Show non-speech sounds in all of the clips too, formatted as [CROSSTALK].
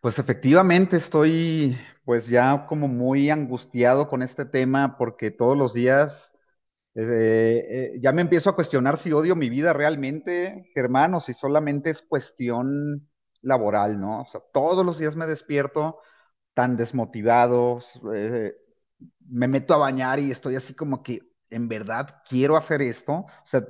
Pues efectivamente estoy pues ya como muy angustiado con este tema porque todos los días eh, ya me empiezo a cuestionar si odio mi vida realmente, Germán, o si solamente es cuestión laboral, ¿no? O sea, todos los días me despierto tan desmotivado, eh, me meto a bañar y estoy así como que, en verdad, quiero hacer esto. O sea,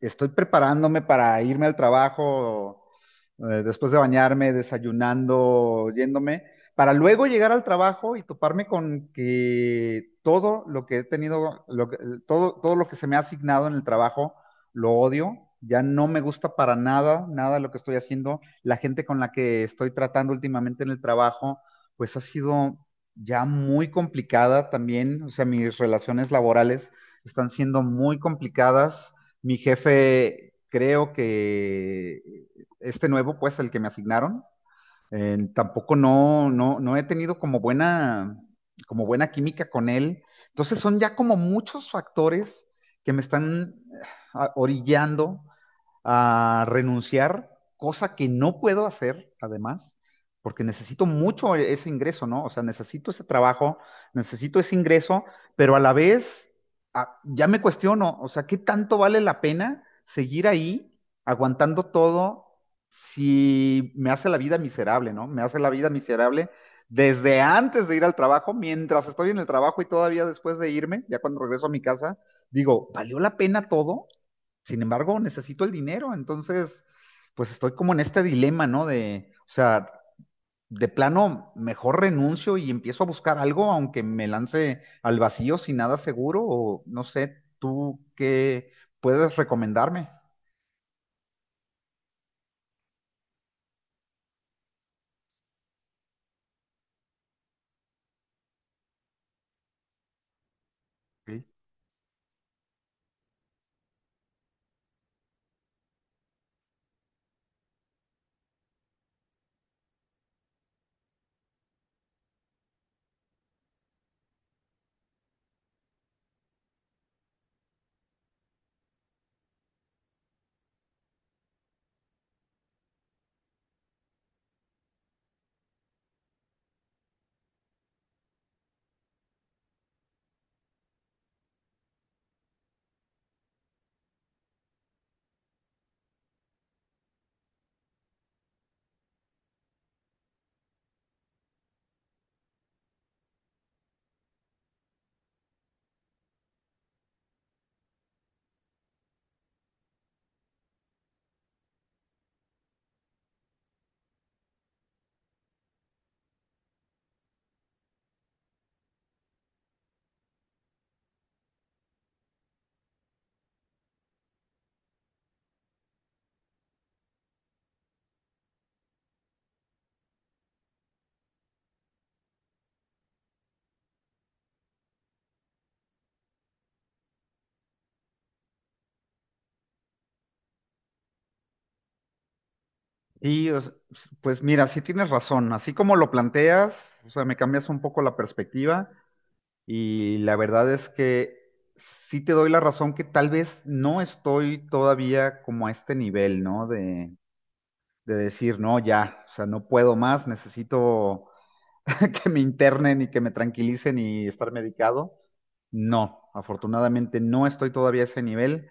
estoy preparándome para irme al trabajo, después de bañarme, desayunando, yéndome, para luego llegar al trabajo y toparme con que todo lo que he tenido, todo lo que se me ha asignado en el trabajo, lo odio. Ya no me gusta para nada, nada lo que estoy haciendo. La gente con la que estoy tratando últimamente en el trabajo, pues ha sido ya muy complicada también, o sea, mis relaciones laborales están siendo muy complicadas. Mi jefe, creo que este nuevo, pues, el que me asignaron, tampoco no he tenido como buena química con él. Entonces son ya como muchos factores que me están orillando a renunciar, cosa que no puedo hacer, además, porque necesito mucho ese ingreso, ¿no? O sea, necesito ese trabajo, necesito ese ingreso, pero a la vez ya me cuestiono, o sea, ¿qué tanto vale la pena seguir ahí aguantando todo si me hace la vida miserable, ¿no? Me hace la vida miserable desde antes de ir al trabajo, mientras estoy en el trabajo y todavía después de irme, ya cuando regreso a mi casa, digo, ¿valió la pena todo? Sin embargo, necesito el dinero, entonces, pues estoy como en este dilema, ¿no? De, o sea, de plano, mejor renuncio y empiezo a buscar algo, aunque me lance al vacío sin nada seguro, o no sé, tú qué puedes recomendarme. Ok. Y o s- pues mira, sí tienes razón, así como lo planteas, o sea, me cambias un poco la perspectiva y la verdad es que sí te doy la razón que tal vez no estoy todavía como a este nivel, ¿no? De decir, no, ya, o sea, no puedo más, necesito [LAUGHS] que me internen y que me tranquilicen y estar medicado. No, afortunadamente no estoy todavía a ese nivel.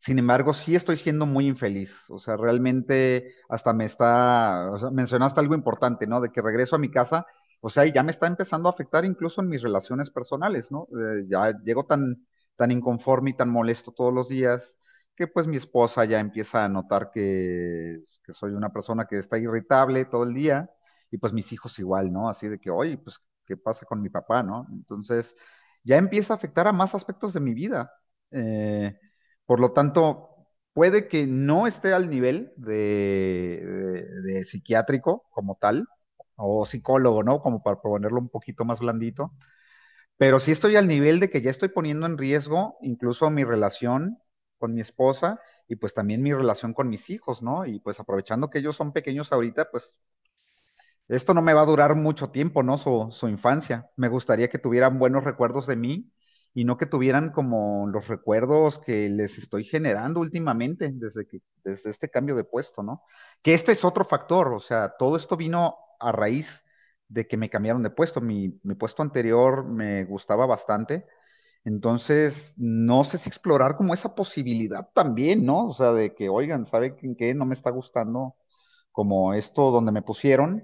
Sin embargo, sí estoy siendo muy infeliz. O sea, realmente hasta me está, o sea, mencionaste algo importante, ¿no? De que regreso a mi casa, o sea, y ya me está empezando a afectar incluso en mis relaciones personales, ¿no? Ya llego tan, tan inconforme y tan molesto todos los días que pues mi esposa ya empieza a notar que soy una persona que está irritable todo el día y pues mis hijos igual, ¿no? Así de que, oye, pues, ¿qué pasa con mi papá, no? Entonces ya empieza a afectar a más aspectos de mi vida. Eh, por lo tanto, puede que no esté al nivel de, de psiquiátrico como tal, o psicólogo, ¿no? Como para ponerlo un poquito más blandito, pero sí estoy al nivel de que ya estoy poniendo en riesgo incluso mi relación con mi esposa y pues también mi relación con mis hijos, ¿no? Y pues aprovechando que ellos son pequeños ahorita, pues esto no me va a durar mucho tiempo, ¿no? Su infancia. Me gustaría que tuvieran buenos recuerdos de mí y no que tuvieran como los recuerdos que les estoy generando últimamente desde que, desde este cambio de puesto, ¿no? Que este es otro factor, o sea, todo esto vino a raíz de que me cambiaron de puesto. Mi puesto anterior me gustaba bastante. Entonces, no sé si explorar como esa posibilidad también, ¿no? O sea, de que, oigan, ¿saben qué? No me está gustando como esto donde me pusieron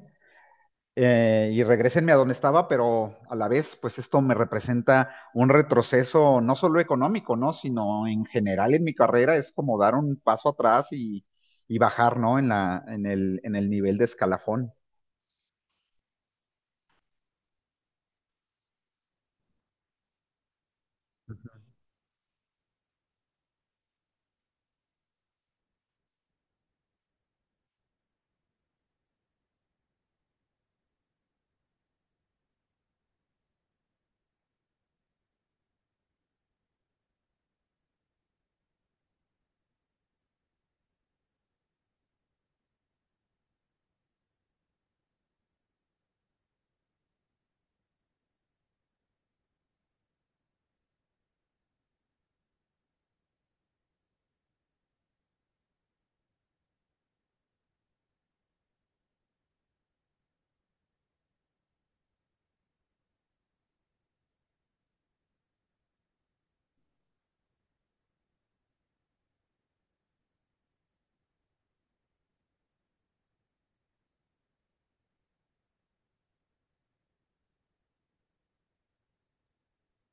y regresenme a donde estaba, pero a la vez, pues esto me representa un retroceso no solo económico, ¿no? Sino en general en mi carrera es como dar un paso atrás y bajar, ¿no? En la, en el nivel de escalafón.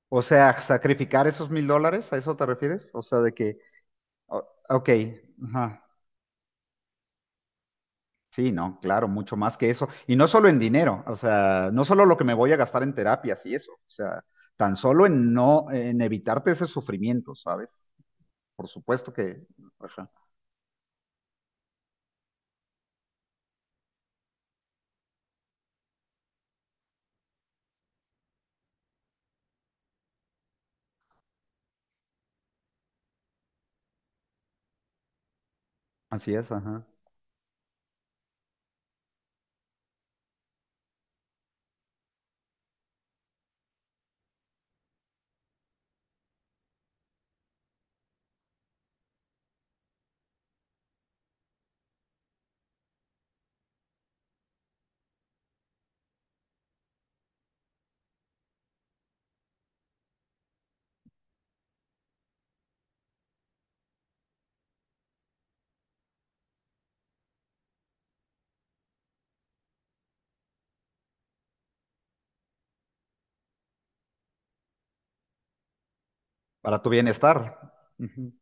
O sea, sacrificar esos $1,000, ¿a eso te refieres? O sea, de que, o- ok, ajá, sí, no, claro, mucho más que eso. Y no solo en dinero, o sea, no solo lo que me voy a gastar en terapias y eso, o sea, tan solo en no, en evitarte ese sufrimiento, ¿sabes? Por supuesto que, ajá, así es, ajá, para tu bienestar. Ujú,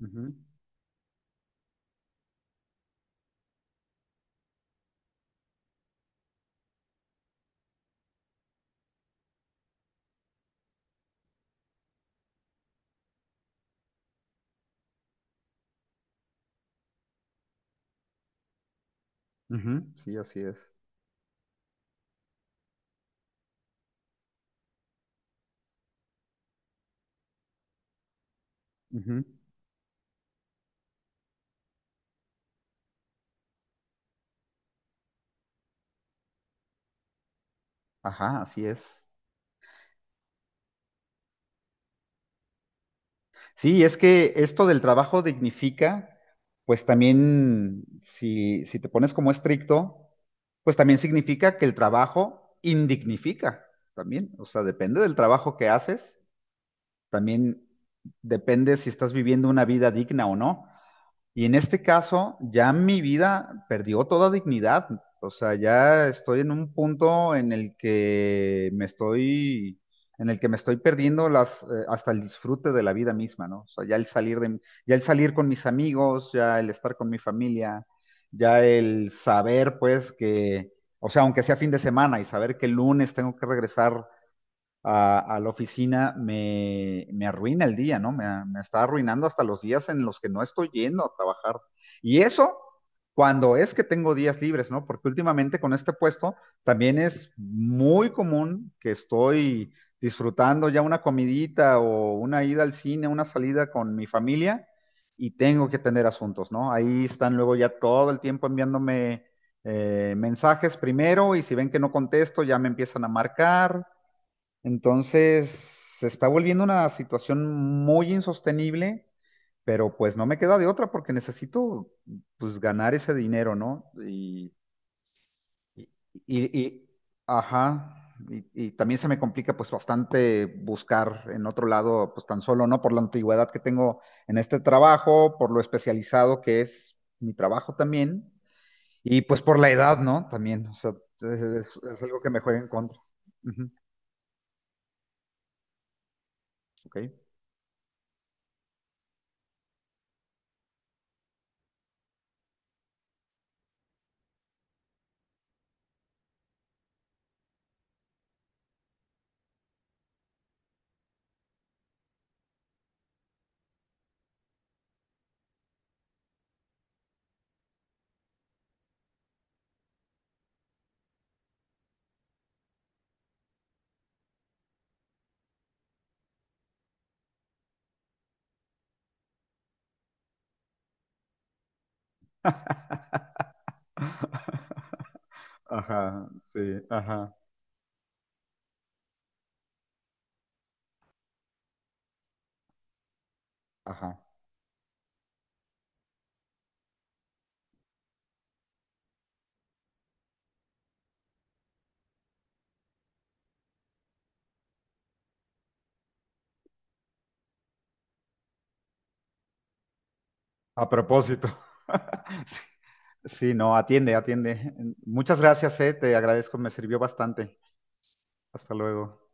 ujú, ujú, sí, así es. Ujú, ajá, así es. Sí, es que esto del trabajo dignifica, pues también, si, si te pones como estricto, pues también significa que el trabajo indignifica, también. O sea, depende del trabajo que haces, también depende si estás viviendo una vida digna o no. Y en este caso, ya mi vida perdió toda dignidad. O sea, ya estoy en un punto en el que me estoy, en el que me estoy perdiendo las, hasta el disfrute de la vida misma, ¿no? O sea, ya el salir de, ya el salir con mis amigos, ya el estar con mi familia, ya el saber, pues, que, o sea, aunque sea fin de semana y saber que el lunes tengo que regresar a la oficina me, me arruina el día, ¿no? Me está arruinando hasta los días en los que no estoy yendo a trabajar. Y eso cuando es que tengo días libres, ¿no? Porque últimamente con este puesto también es muy común que estoy disfrutando ya una comidita o una ida al cine, una salida con mi familia y tengo que atender asuntos, ¿no? Ahí están luego ya todo el tiempo enviándome mensajes primero y si ven que no contesto ya me empiezan a marcar entonces, se está volviendo una situación muy insostenible, pero pues no me queda de otra porque necesito pues ganar ese dinero, ¿no? Y, y- y- ajá. Y también se me complica pues bastante buscar en otro lado, pues tan solo, ¿no? Por la antigüedad que tengo en este trabajo, por lo especializado que es mi trabajo también, y pues por la edad, ¿no? También, o sea, es algo que me juega en contra. Ujú, ok. [LAUGHS] Ajá, sí, ajá, ajá. A propósito. [LAUGHS] Sí, no, atiende, atiende. Muchas gracias, te agradezco, me sirvió bastante. Hasta luego.